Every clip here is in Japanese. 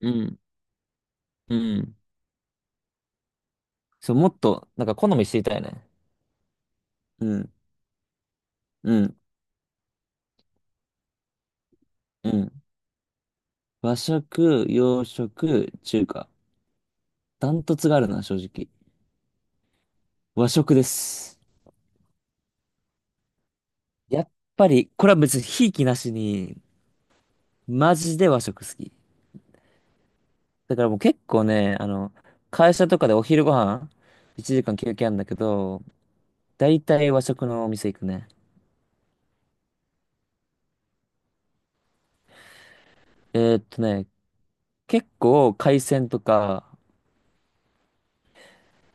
うん、うん、そう、もっと、なんか好み知りたいね。うん、うん、うん。和食、洋食、中華。ダントツがあるな、正直。和食です。やっぱり、これは別にひいきなしに、マジで和食好き。だからもう結構ね、会社とかでお昼ご飯、1時間休憩あるんだけど、だいたい和食のお店行くね。えーっとね、結構海鮮とか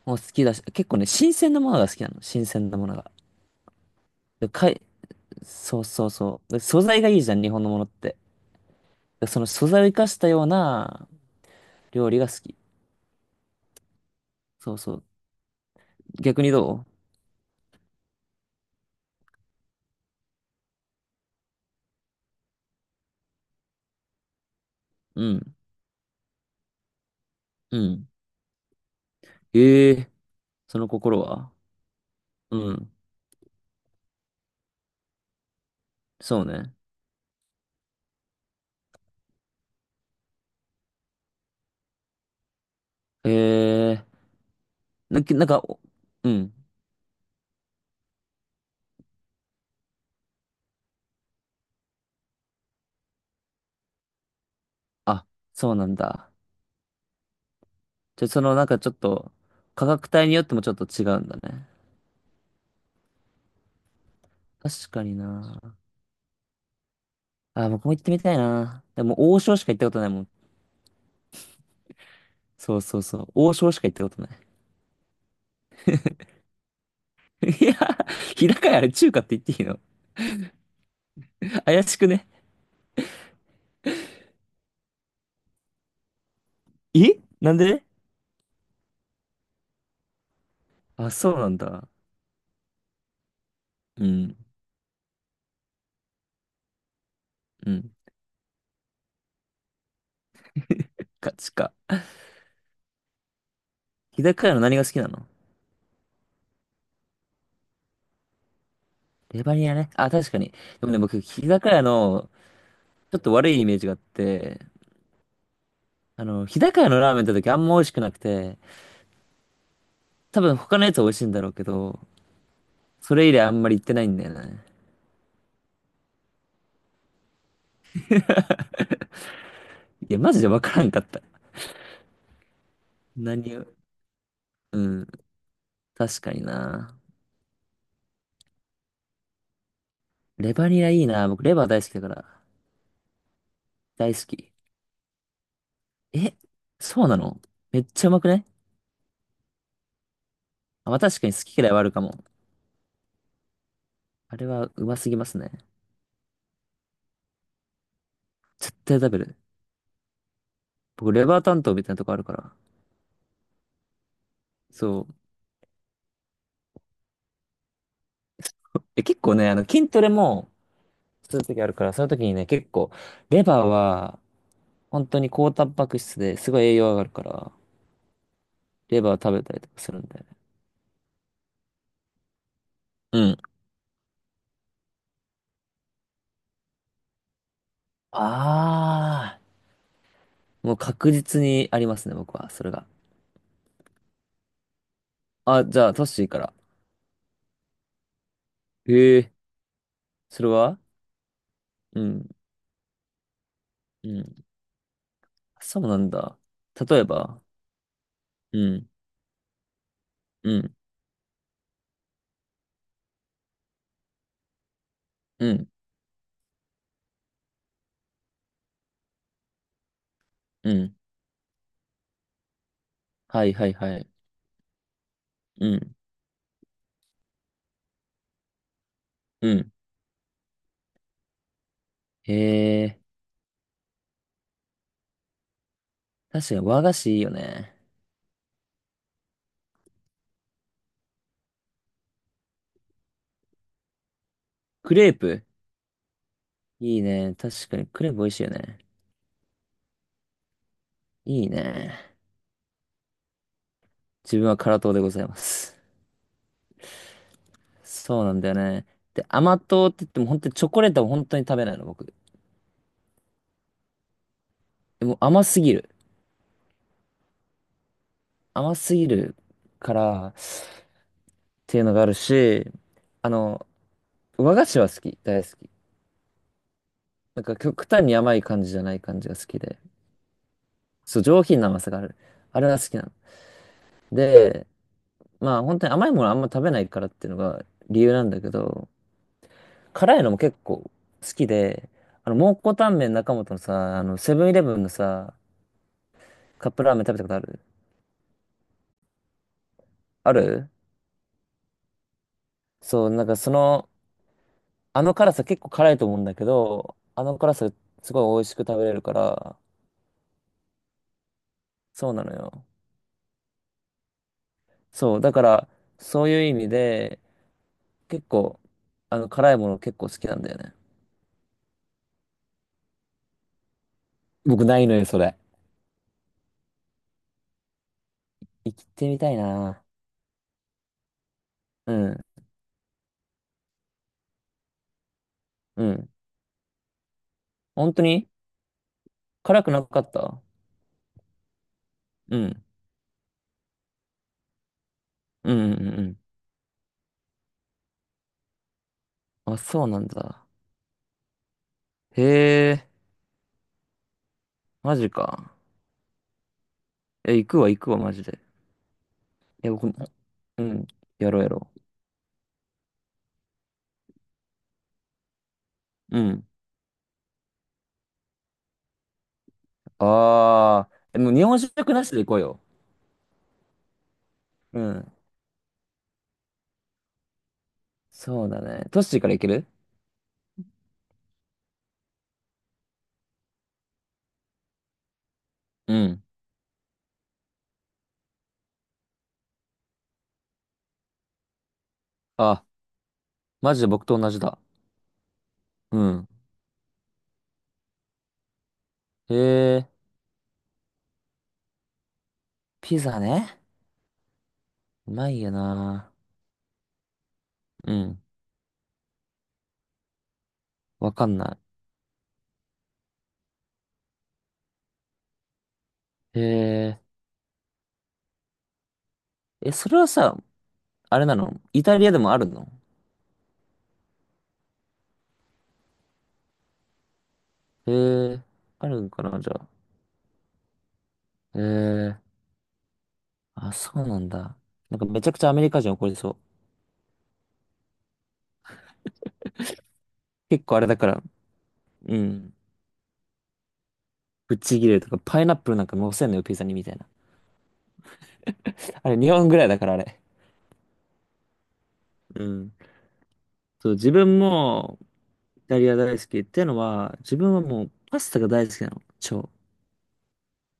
も好きだし、結構ね、新鮮なものが好きなの。新鮮なものが。で、そうそうそう。で素材がいいじゃん、日本のものって。でその素材を生かしたような料理が好き。そうそう。逆にどううん。うん。ええ。その心は？うん。そうね。ええ。な、なんか、おうん。あ、そうなんだ。じゃ、ちょっと、価格帯によってもちょっと違うんだね。確かにな。あ、僕も行ってみたいな。でも、王将しか行ったことないもん。そうそうそう。王将しか行ったことない。いや、日高屋あれ中華って言っていいの？ 怪しくね？え、なんで？あ、そうなんだ。うん。うん。か、つか。日高屋の何が好きなの？レバニラね。あ、確かに。でもね、僕、日高屋の、ちょっと悪いイメージがあって、日高屋のラーメン行った時あんま美味しくなくて、多分他のやつは美味しいんだろうけど、それ以来あんまり行ってないんだよね。いや、マジでわからんかった。何を。うん。確かにな。レバニラいいな。僕、レバー大好きだから。大好き。え、そうなの？めっちゃうまくね？あ、まあ確かに好き嫌いはあるかも。あれはうますぎますね。絶対食べる。僕、レバー担当みたいなとこあるから。そう。で、結構ね、筋トレもするときあるから、その時にね、結構、レバーは、本当に高タンパク質ですごい栄養上がるから、レバー食べたりとかするんだよね。うん。あもう確実にありますね、僕は、それが。あ、じゃあ、トッシーから。へえ、それは？うん、うん。そうなんだ。例えば、うん、うん、うん、うん。はいはいはい。うん。うん。へえ、確かに和菓子いいよね。クレープ？いいね。確かにクレープ美味しいよね。いいね。自分は辛党でございます。そうなんだよね。で、甘党って言っても本当にチョコレートは本当に食べないの、僕。でも甘すぎる。甘すぎるからっていうのがあるし、あの、和菓子は好き。大好き。なんか極端に甘い感じじゃない感じが好きで。そう、上品な甘さがある。あれは好きなの。で、まあ本当に甘いものあんま食べないからっていうのが理由なんだけど、辛いのも結構好きで、蒙古タンメン中本のさ、セブンイレブンのさ、カップラーメン食べたことある？ある。そう、あの辛さ結構辛いと思うんだけど、あの辛さすごい美味しく食べれるから、そうなのよ。そう、だから、そういう意味で、結構、辛いもの結構好きなんだよね。僕ないのよ、それ。生きてみたいな。うん、うん。本当に辛くなかった？うん。うんうんうんうん。あ、そうなんだ。へえ、マジか。え、行くわ、行くわ、マジで。え、僕も、うん、やろうやろう。うん。ああ、えもう日本食なしで行こうよ。うん。そうだね。トッシーから行ける？うん。あ、マジで僕と同じだ。うん。へえ、ピザね。うまいよな。うん。わかんない。へえ、え、それはさ、あれなのイタリアでもあるの？へえ、あるんかな、じゃあ。へえ。あ、そうなんだ。なんかめちゃくちゃアメリカ人怒りそう。結構あれだから、うん。ぶっちぎれるとか、パイナップルなんか乗せんのよ、ピザにみたいな。あれ、日本ぐらいだから、あれ。うん。そう、自分もイタリア大好きっていうのは、自分はもうパスタが大好きなの。超。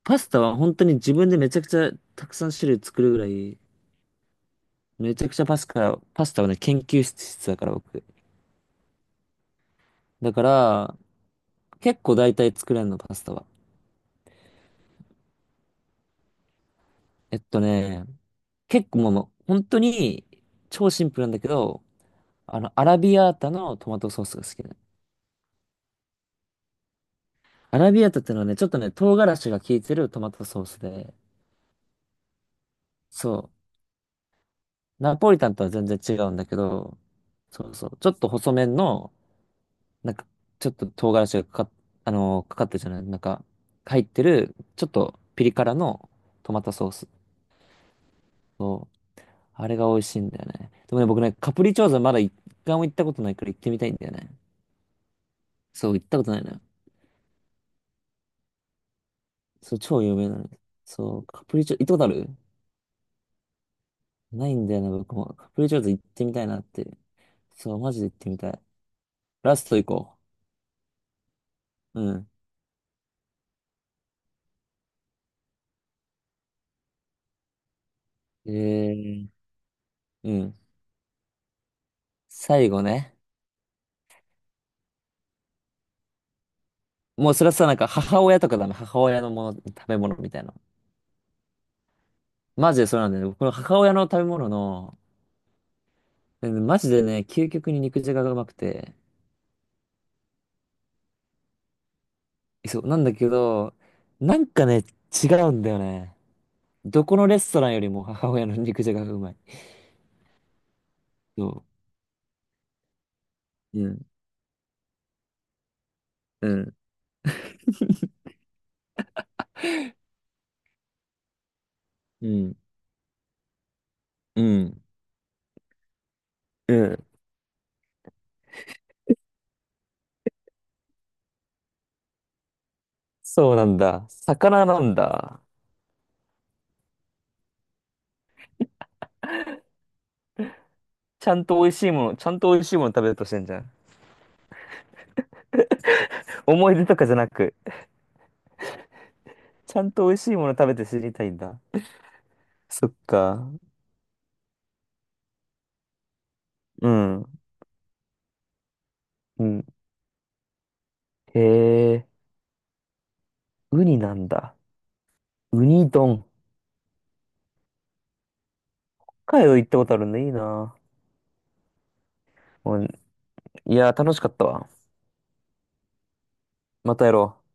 パスタは本当に自分でめちゃくちゃたくさん種類作るぐらい、めちゃくちゃパスタはね、研究室だから僕。だから、結構大体作れるの、パスタは。えっとね、結構もう、本当に超シンプルなんだけど、アラビアータのトマトソースが好きだね。アラビアータってのはね、ちょっとね、唐辛子が効いてるトマトソースで、そう。ナポリタンとは全然違うんだけど、そうそう。ちょっと細麺の、なんか、ちょっと唐辛子がかかっ、あのーかかってるじゃない、入ってる、ちょっとピリ辛のトマトソース。そう。あれが美味しいんだよね。でもね、僕ね、カプリチョーザまだ一回も行ったことないから行ってみたいんだよね。そう、行ったことないな。そう、超有名なの。そう、カプリチョ、行ったことある？ないんだよな、僕も。カプリチョーズ行ってみたいなって。そう、マジで行ってみたい。ラスト行こう。うん。えー、うん。最後ね。もうそれはさ、なんか母親とかだね。母親のもの、食べ物みたいな。マジでそうなんだよね。この母親の食べ物の、うん。マジでね、究極に肉じゃががうまくて。そう、なんだけど、なんかね、違うんだよね。どこのレストランよりも母親の肉じゃががうまい。そう。うんうん。うん。うん。うん。そうなんだ。魚なんだ。ちゃんと美味しいもの、ちゃんと美味しいもの食べようとしてんじゃん。思い出とかじゃなく、ちゃんと美味しいもの食べて知りたいんだ。そっか。うん。うん。へえ、ウニなんだ。ウニ丼。北海道行ったことあるんだ。いいな。うん。いや、楽しかったわ。またやろう。